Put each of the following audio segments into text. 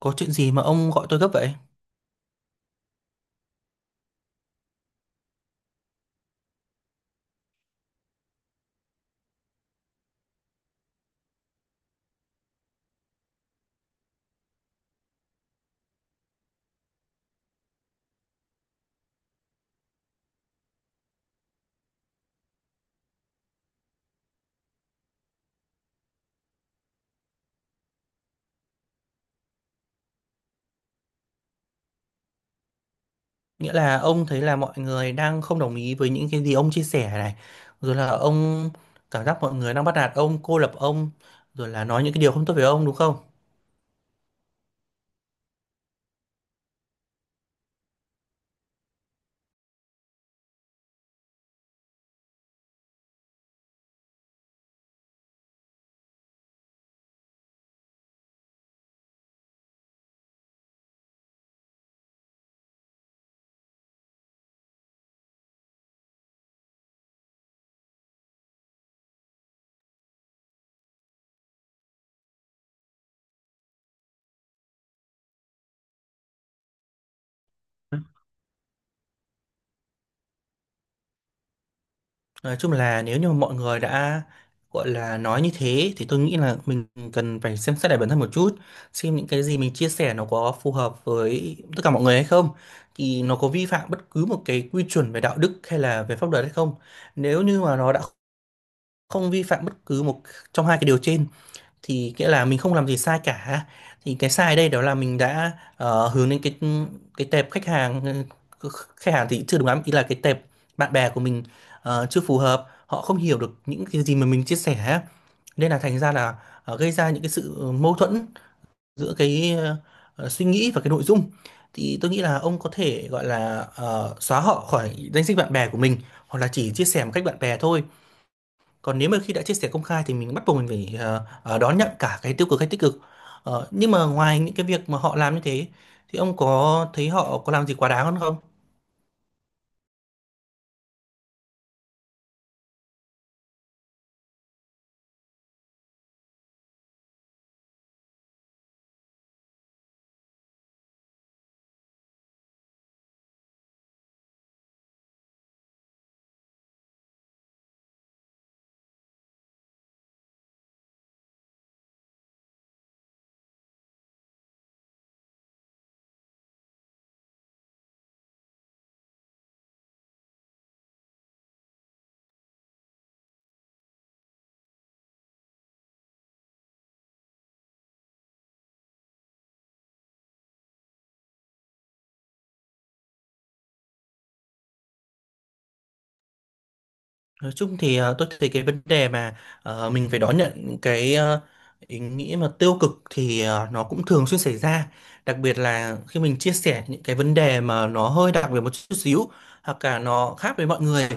Có chuyện gì mà ông gọi tôi gấp vậy? Nghĩa là ông thấy là mọi người đang không đồng ý với những cái gì ông chia sẻ này. Rồi là ông cảm giác mọi người đang bắt nạt ông, cô lập ông. Rồi là nói những cái điều không tốt về ông đúng không? Nói chung là nếu như mà mọi người đã gọi là nói như thế thì tôi nghĩ là mình cần phải xem xét lại bản thân một chút. Xem những cái gì mình chia sẻ nó có phù hợp với tất cả mọi người hay không. Thì nó có vi phạm bất cứ một cái quy chuẩn về đạo đức hay là về pháp luật hay không. Nếu như mà nó đã không vi phạm bất cứ một trong hai cái điều trên thì nghĩa là mình không làm gì sai cả, thì cái sai ở đây đó là mình đã hướng đến cái tệp khách hàng, ờ, khách hàng thì chưa đúng lắm, ý là cái tệp bạn bè của mình chưa phù hợp, họ không hiểu được những cái gì mà mình chia sẻ, nên là thành ra là gây ra những cái sự mâu thuẫn giữa cái suy nghĩ và cái nội dung. Thì tôi nghĩ là ông có thể gọi là xóa họ khỏi danh sách bạn bè của mình, hoặc là chỉ chia sẻ một cách bạn bè thôi, còn nếu mà khi đã chia sẻ công khai thì mình bắt buộc mình phải đón nhận cả cái tiêu cực hay tích cực. Nhưng mà ngoài những cái việc mà họ làm như thế thì ông có thấy họ có làm gì quá đáng hơn không? Nói chung thì tôi thấy cái vấn đề mà mình phải đón nhận những cái ý nghĩa mà tiêu cực thì nó cũng thường xuyên xảy ra, đặc biệt là khi mình chia sẻ những cái vấn đề mà nó hơi đặc biệt một chút xíu hoặc cả nó khác với mọi người.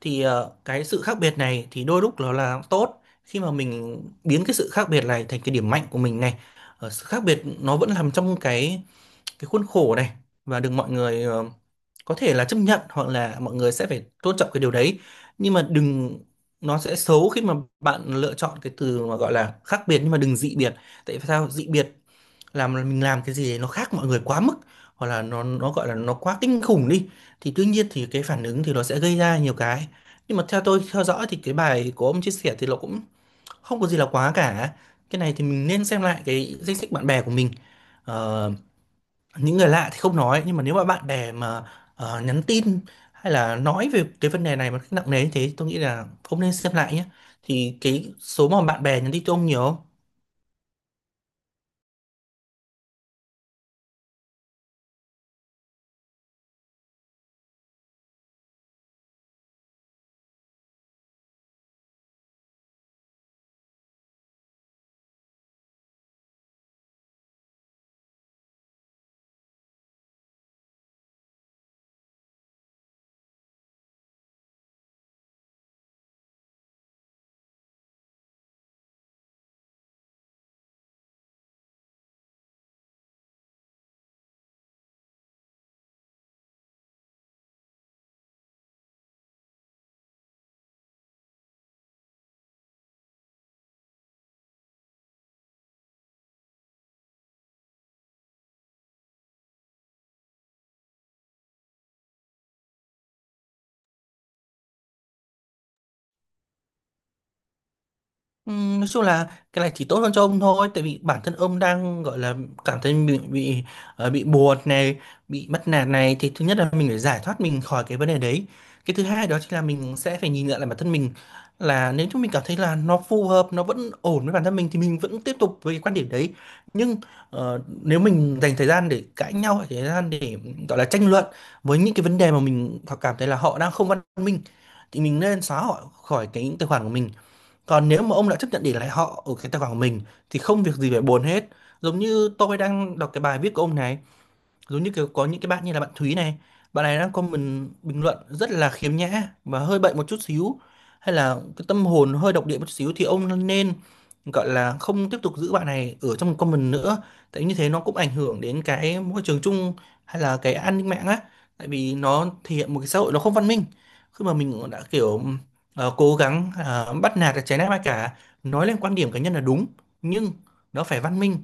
Thì cái sự khác biệt này thì đôi lúc nó là tốt khi mà mình biến cái sự khác biệt này thành cái điểm mạnh của mình này. Sự khác biệt nó vẫn nằm trong cái khuôn khổ này, và được mọi người có thể là chấp nhận, hoặc là mọi người sẽ phải tôn trọng cái điều đấy. Nhưng mà đừng, nó sẽ xấu khi mà bạn lựa chọn cái từ mà gọi là khác biệt nhưng mà đừng dị biệt. Tại vì sao dị biệt, làm mình làm cái gì đấy nó khác mọi người quá mức, hoặc là nó gọi là nó quá kinh khủng đi, thì tuy nhiên thì cái phản ứng thì nó sẽ gây ra nhiều cái. Nhưng mà theo tôi theo dõi thì cái bài của ông chia sẻ thì nó cũng không có gì là quá cả. Cái này thì mình nên xem lại cái danh sách bạn bè của mình. Ờ, những người lạ thì không nói, nhưng mà nếu mà bạn bè mà nhắn tin hay là nói về cái vấn đề này mà cách nặng nề như thế, tôi nghĩ là ông nên xem lại nhé. Thì cái số mà bạn bè nhắn tin cho ông nhiều không? Nói chung là cái này chỉ tốt hơn cho ông thôi, tại vì bản thân ông đang gọi là cảm thấy bị bị buồn này, bị mất nạt này, thì thứ nhất là mình phải giải thoát mình khỏi cái vấn đề đấy. Cái thứ hai đó chính là mình sẽ phải nhìn nhận lại bản thân mình, là nếu chúng mình cảm thấy là nó phù hợp, nó vẫn ổn với bản thân mình thì mình vẫn tiếp tục với cái quan điểm đấy. Nhưng nếu mình dành thời gian để cãi nhau hay thời gian để gọi là tranh luận với những cái vấn đề mà mình cảm thấy là họ đang không văn minh, thì mình nên xóa họ khỏi cái tài khoản của mình. Còn nếu mà ông đã chấp nhận để lại họ ở cái tài khoản của mình thì không việc gì phải buồn hết. Giống như tôi đang đọc cái bài viết của ông này, giống như kiểu có những cái bạn như là bạn Thúy này, bạn này đang comment bình luận rất là khiếm nhã và hơi bệnh một chút xíu, hay là cái tâm hồn hơi độc địa một chút xíu, thì ông nên gọi là không tiếp tục giữ bạn này ở trong comment nữa. Tại như thế nó cũng ảnh hưởng đến cái môi trường chung hay là cái an ninh mạng á, tại vì nó thể hiện một cái xã hội nó không văn minh. Khi mà mình đã kiểu cố gắng bắt nạt trái nét ai cả, nói lên quan điểm cá nhân là đúng, nhưng nó phải văn minh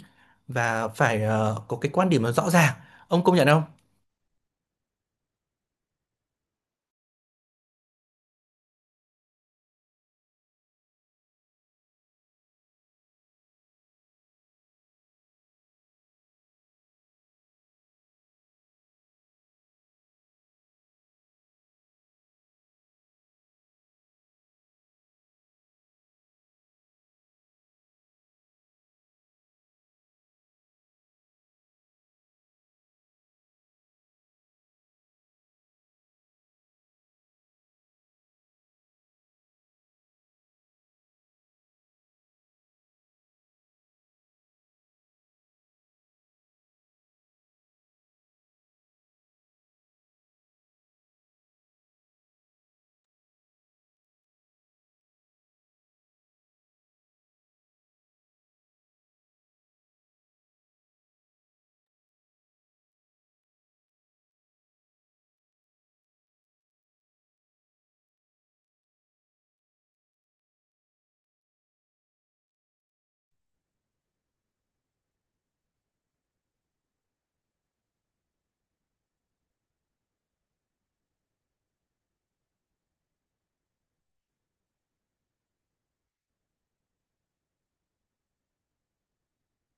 và phải có cái quan điểm nó rõ ràng, ông công nhận không?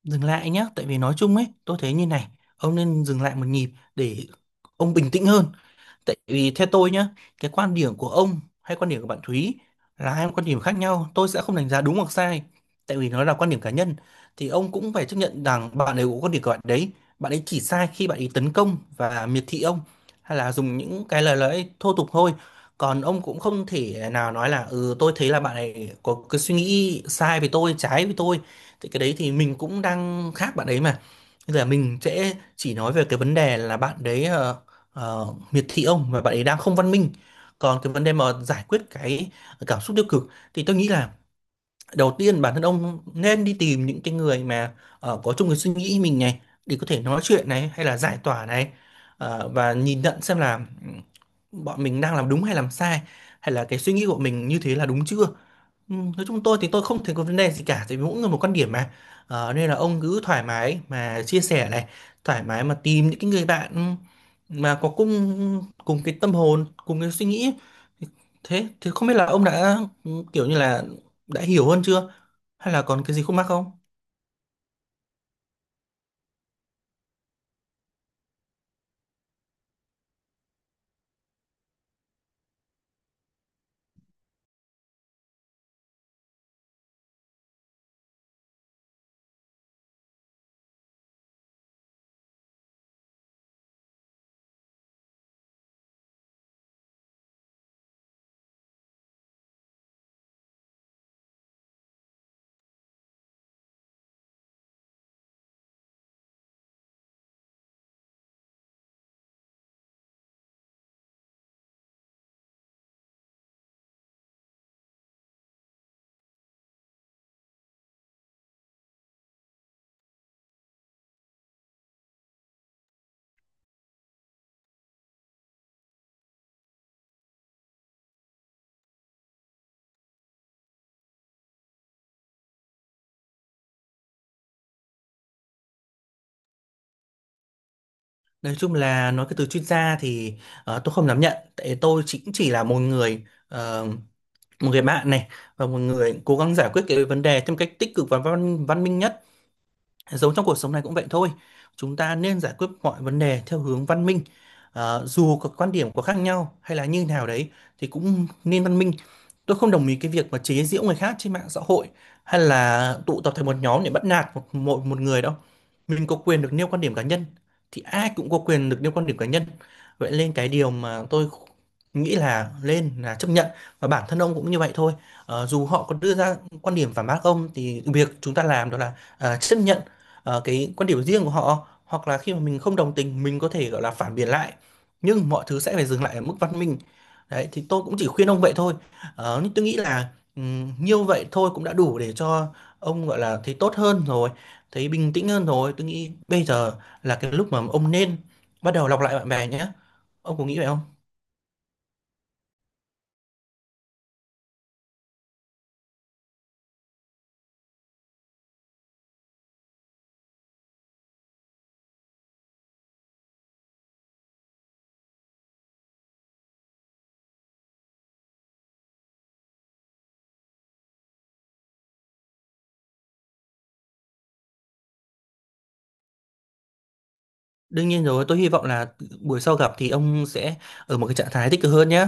Dừng lại nhé, tại vì nói chung ấy, tôi thấy như này, ông nên dừng lại một nhịp để ông bình tĩnh hơn. Tại vì theo tôi nhá, cái quan điểm của ông hay quan điểm của bạn Thúy là hai quan điểm khác nhau. Tôi sẽ không đánh giá đúng hoặc sai. Tại vì nó là quan điểm cá nhân. Thì ông cũng phải chấp nhận rằng bạn ấy có quan điểm của bạn đấy. Bạn ấy chỉ sai khi bạn ấy tấn công và miệt thị ông. Hay là dùng những cái lời lẽ thô tục thôi. Còn ông cũng không thể nào nói là ừ tôi thấy là bạn ấy có cái suy nghĩ sai với tôi, trái với tôi. Thì cái đấy thì mình cũng đang khác bạn ấy mà. Bây giờ mình sẽ chỉ nói về cái vấn đề là bạn đấy miệt thị ông và bạn ấy đang không văn minh. Còn cái vấn đề mà giải quyết cái cảm xúc tiêu cực thì tôi nghĩ là đầu tiên bản thân ông nên đi tìm những cái người mà có chung cái suy nghĩ mình này, để có thể nói chuyện này hay là giải tỏa này. Ờ, và nhìn nhận xem là ừ, bọn mình đang làm đúng hay làm sai, hay là cái suy nghĩ của mình như thế là đúng chưa. Ừ, nói chung tôi thì tôi không thấy có vấn đề gì cả, tại vì mỗi người một quan điểm mà. Nên là ông cứ thoải mái mà chia sẻ này, thoải mái mà tìm những cái người bạn ừ, mà có cùng cùng cái tâm hồn, cùng cái suy nghĩ. Thế thì không biết là ông đã ừ, kiểu như là đã hiểu hơn chưa, hay là còn cái gì khúc mắc không? Nói chung là nói cái từ chuyên gia thì tôi không dám nhận, tại tôi chỉ là một người một người bạn này, và một người cố gắng giải quyết cái vấn đề theo một cách tích cực và văn văn minh nhất. Giống trong cuộc sống này cũng vậy thôi. Chúng ta nên giải quyết mọi vấn đề theo hướng văn minh. Dù có quan điểm có khác nhau hay là như nào đấy thì cũng nên văn minh. Tôi không đồng ý cái việc mà chế giễu người khác trên mạng xã hội, hay là tụ tập thành một nhóm để bắt nạt một, một một người đâu. Mình có quyền được nêu quan điểm cá nhân, thì ai cũng có quyền được nêu quan điểm cá nhân. Vậy nên cái điều mà tôi nghĩ là lên là chấp nhận, và bản thân ông cũng như vậy thôi. Dù họ có đưa ra quan điểm phản bác ông thì việc chúng ta làm đó là à, chấp nhận cái quan điểm riêng của họ, hoặc là khi mà mình không đồng tình mình có thể gọi là phản biện lại, nhưng mọi thứ sẽ phải dừng lại ở mức văn minh. Đấy thì tôi cũng chỉ khuyên ông vậy thôi. Nhưng tôi nghĩ là nhiêu vậy thôi cũng đã đủ để cho ông gọi là thấy tốt hơn rồi, thấy bình tĩnh hơn rồi. Tôi nghĩ bây giờ là cái lúc mà ông nên bắt đầu lọc lại bạn bè nhé. Ông có nghĩ vậy không? Đương nhiên rồi, tôi hy vọng là buổi sau gặp thì ông sẽ ở một cái trạng thái tích cực hơn nhé.